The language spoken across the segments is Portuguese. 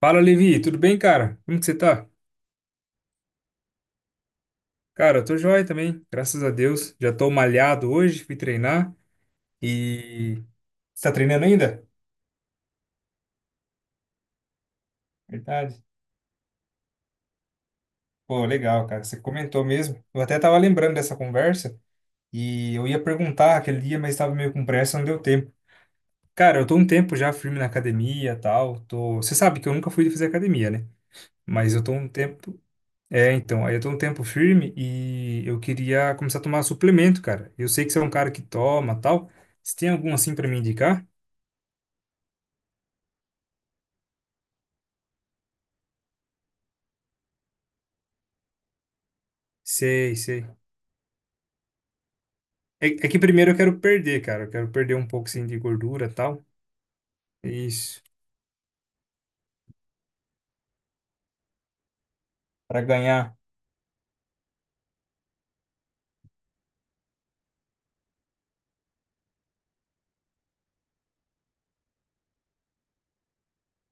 Fala, Levi, tudo bem, cara? Como que você tá? Cara, eu tô joia também, graças a Deus. Já tô malhado hoje, fui treinar e... Você tá treinando ainda? Verdade. Pô, legal, cara, você comentou mesmo. Eu até tava lembrando dessa conversa e eu ia perguntar aquele dia, mas tava meio com pressa, não deu tempo. Cara, eu tô um tempo já firme na academia e tal, tô... Você sabe que eu nunca fui fazer academia, né? Mas eu tô um tempo É, então, aí eu tô um tempo firme e eu queria começar a tomar suplemento, cara. Eu sei que você é um cara que toma, tal. Se tem algum assim pra me indicar? Sei, sei. É que primeiro eu quero perder, cara. Eu quero perder um pouco assim de gordura, tal. Isso. Pra ganhar.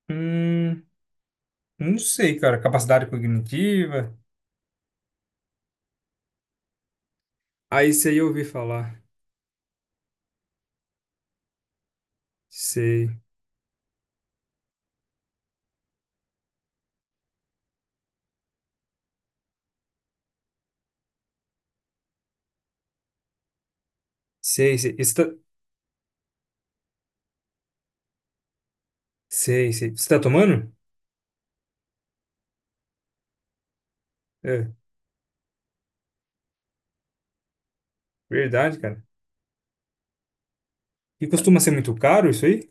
Hum, não sei, cara. Capacidade cognitiva. Aí isso aí eu ouvi falar. Sei. Sei, sei. Isso tá... Sei, sei. Você tá tomando? É, verdade, cara. E costuma ser muito caro isso aí?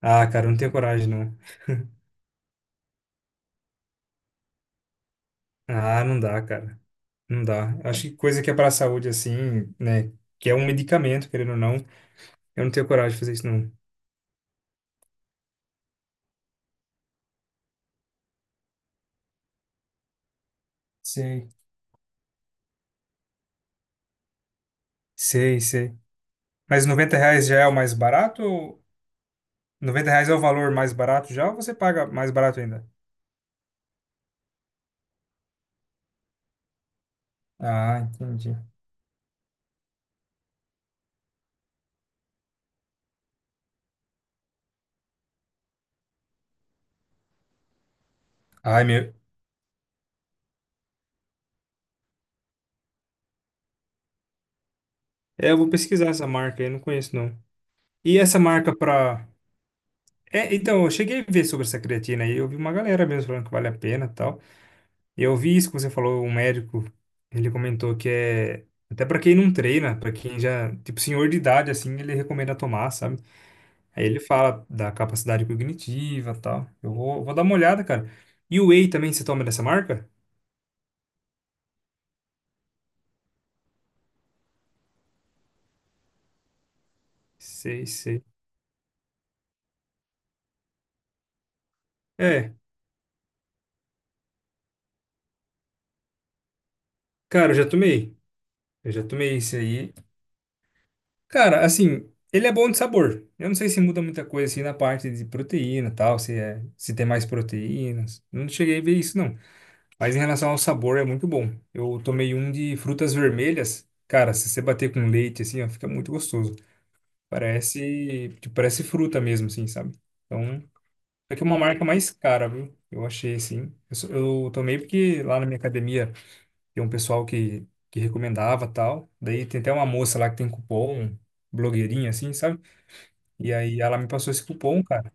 Ah, cara, eu não tenho coragem, não. Ah, não dá, cara. Não dá. Acho que coisa que é para a saúde, assim, né? Que é um medicamento, querendo ou não. Eu não tenho coragem de fazer isso, não. Sei. Sei, sei. Mas R$ 90 já é o mais barato? R$ 90 é o valor mais barato já ou você paga mais barato ainda? Ah, entendi. Ai, meu. É, eu vou pesquisar essa marca aí, não conheço não. E essa marca pra. É, então, eu cheguei a ver sobre essa creatina aí, eu vi uma galera mesmo falando que vale a pena e tal. E eu vi isso que você falou, um médico, ele comentou que é até pra quem não treina, pra quem já, tipo, senhor de idade assim, ele recomenda tomar, sabe? Aí ele fala da capacidade cognitiva, tal. Eu vou dar uma olhada, cara. E o whey também você toma dessa marca? Sei, sei. É, cara, eu já tomei. Eu já tomei esse aí. Cara, assim, ele é bom de sabor. Eu não sei se muda muita coisa assim na parte de proteína, e tal, se tem mais proteínas. Eu não cheguei a ver isso não. Mas em relação ao sabor, é muito bom. Eu tomei um de frutas vermelhas. Cara, se você bater com leite, assim, ó, fica muito gostoso. Parece fruta mesmo, assim, sabe? Então, é que é uma marca mais cara, viu? Eu achei, assim. Eu tomei porque lá na minha academia tem um pessoal que recomendava tal. Daí tem até uma moça lá que tem cupom, blogueirinha, assim, sabe? E aí ela me passou esse cupom, cara.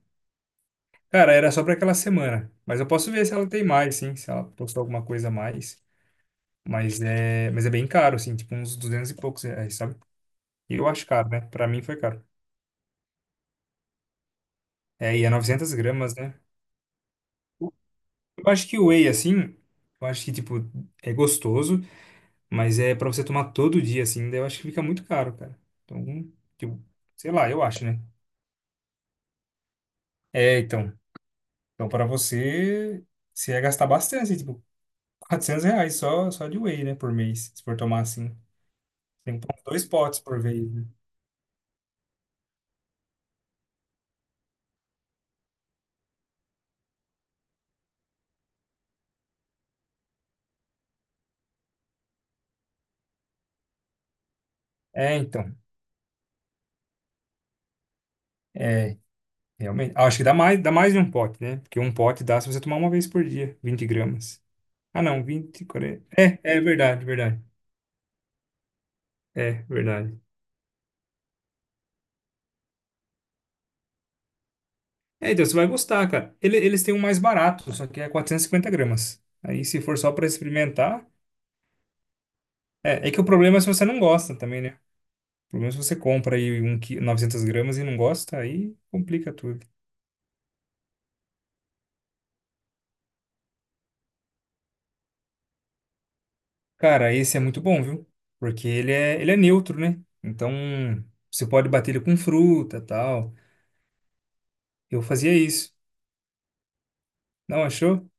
Cara, era só pra aquela semana. Mas eu posso ver se ela tem mais, assim, se ela postou alguma coisa a mais. Mas é bem caro, assim, tipo uns 200 e poucos reais, sabe? E eu acho caro, né? Pra mim foi caro. É, e é 900 g, né? Eu acho que o whey, assim, eu acho que, tipo, é gostoso, mas é pra você tomar todo dia, assim, daí eu acho que fica muito caro, cara. Então, tipo, sei lá, eu acho, né? É, então você ia gastar bastante, tipo, R$ 400 só de whey, né, por mês, se for tomar, assim. Tem que tomar dois potes por vez, né? É, então. É. Realmente. Ah, acho que dá mais de um pote, né? Porque um pote dá se você tomar uma vez por dia, 20 g. Ah, não, 20 40. É verdade, verdade. É, verdade. É, então você vai gostar, cara. Eles têm um mais barato, só que é 450 g. Aí se for só pra experimentar. É que o problema é se você não gosta também, né? O problema é se você compra aí um, 900 gramas e não gosta, aí complica tudo. Cara, esse é muito bom, viu? Porque ele é neutro, né? Então, você pode bater ele com fruta, tal. Eu fazia isso. Não achou?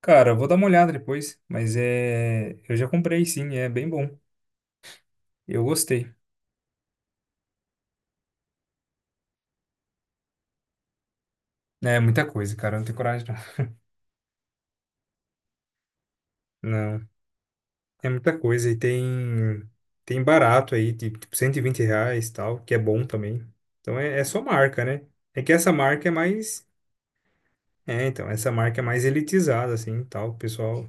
Cara, eu vou dar uma olhada depois, mas é, eu já comprei sim, é bem bom. Eu gostei. É muita coisa, cara, eu não tenho coragem não. Não, é muita coisa e tem barato aí, tipo, R$ 120 e tal, que é bom também. Então é só marca, né? É que essa marca é mais, é, Então, essa marca é mais elitizada assim, e tal, o pessoal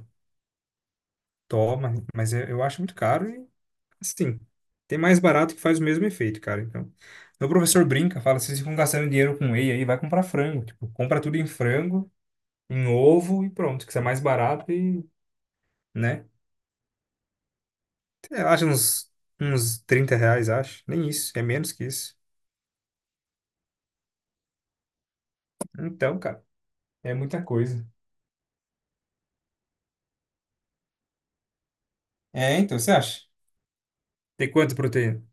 toma, mas eu acho muito caro. Assim, tem mais barato que faz o mesmo efeito, cara. Então, meu professor brinca, fala, vocês ficam gastando dinheiro com whey aí, vai comprar frango. Tipo, compra tudo em frango, em ovo e pronto, que isso é mais barato e, né? Sei. Acho uns R$ 30, acho. Nem isso, é menos que isso. Então, cara, é muita coisa. É, então, você acha? Tem quanto proteína?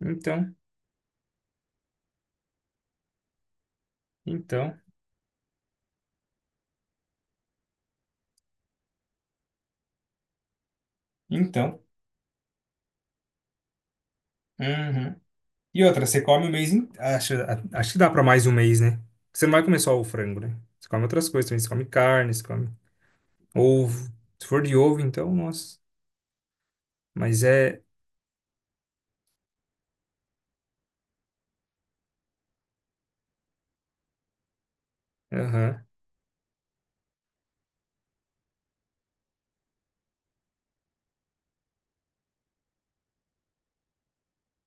Então, então, então. Uhum. E outra, você come o mês... Acho, que dá pra mais um mês, né? Você não vai comer só o frango, né? Você come outras coisas também. Você come carne, você come ovo. Se for de ovo, então, nossa. Mas é. Aham,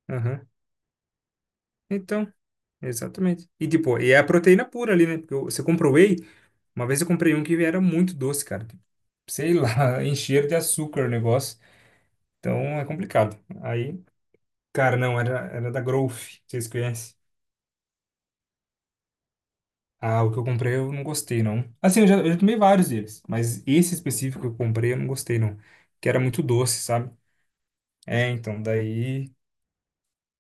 aham. Então, exatamente. E tipo, e é a proteína pura ali, né? Porque você compra whey, uma vez eu comprei um que era muito doce, cara. Tipo, sei lá, encher de açúcar o negócio. Então é complicado. Aí, cara, não, era da Growth, vocês conhecem? Ah, o que eu comprei eu não gostei, não. Assim, eu já tomei vários deles, mas esse específico que eu comprei eu não gostei, não. Que era muito doce, sabe? É, então, daí.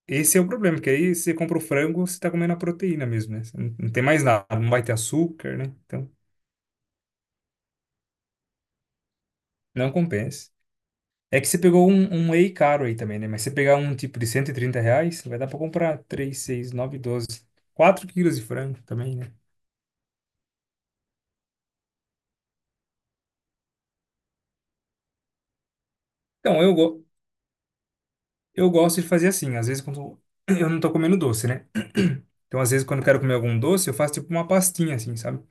Esse é o problema, porque aí você compra o frango, você tá comendo a proteína mesmo, né? Você não tem mais nada, não vai ter açúcar, né? Então, não compensa. É que você pegou um whey caro aí também, né? Mas se você pegar um tipo de R$ 130, vai dar pra comprar três, 6, 9, 12, 4 quilos de frango também, né? Então, eu gosto de fazer assim, às vezes quando eu não tô comendo doce, né? Então, às vezes quando eu quero comer algum doce, eu faço tipo uma pastinha assim, sabe?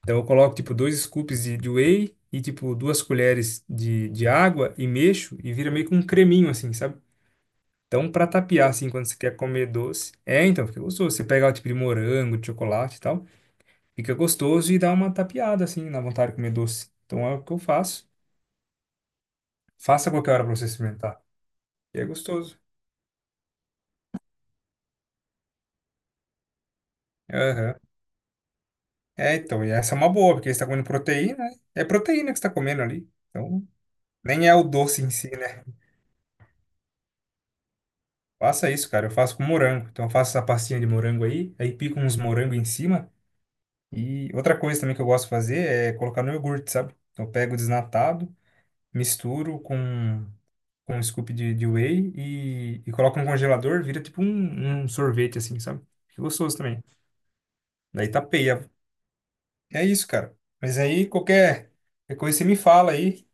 Então, eu coloco tipo dois scoops de whey e tipo duas colheres de água e mexo e vira meio que um creminho assim, sabe? Então, pra tapear, assim, quando você quer comer doce, fica gostoso. Você pega, tipo, de morango, de chocolate e tal, fica gostoso e dá uma tapeada, assim, na vontade de comer doce. Então, é o que eu faço. Faça a qualquer hora pra você experimentar. E é gostoso. Aham. É, então, e essa é uma boa, porque você tá comendo proteína, né? É proteína que você tá comendo ali. Então, nem é o doce em si, né? Faça isso, cara. Eu faço com morango. Então, eu faço essa pastinha de morango aí, aí pico uns morangos em cima. E outra coisa também que eu gosto de fazer é colocar no iogurte, sabe? Então, eu pego desnatado. Misturo com um scoop de whey e coloco no congelador, vira tipo um sorvete, assim, sabe? Fica gostoso também. Daí tapeia. É isso, cara. Mas aí qualquer coisa você me fala aí.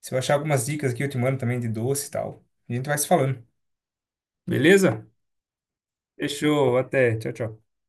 Se eu achar algumas dicas aqui, eu te mando também de doce e tal. A gente vai se falando. Beleza? Fechou. Até. Tchau, tchau.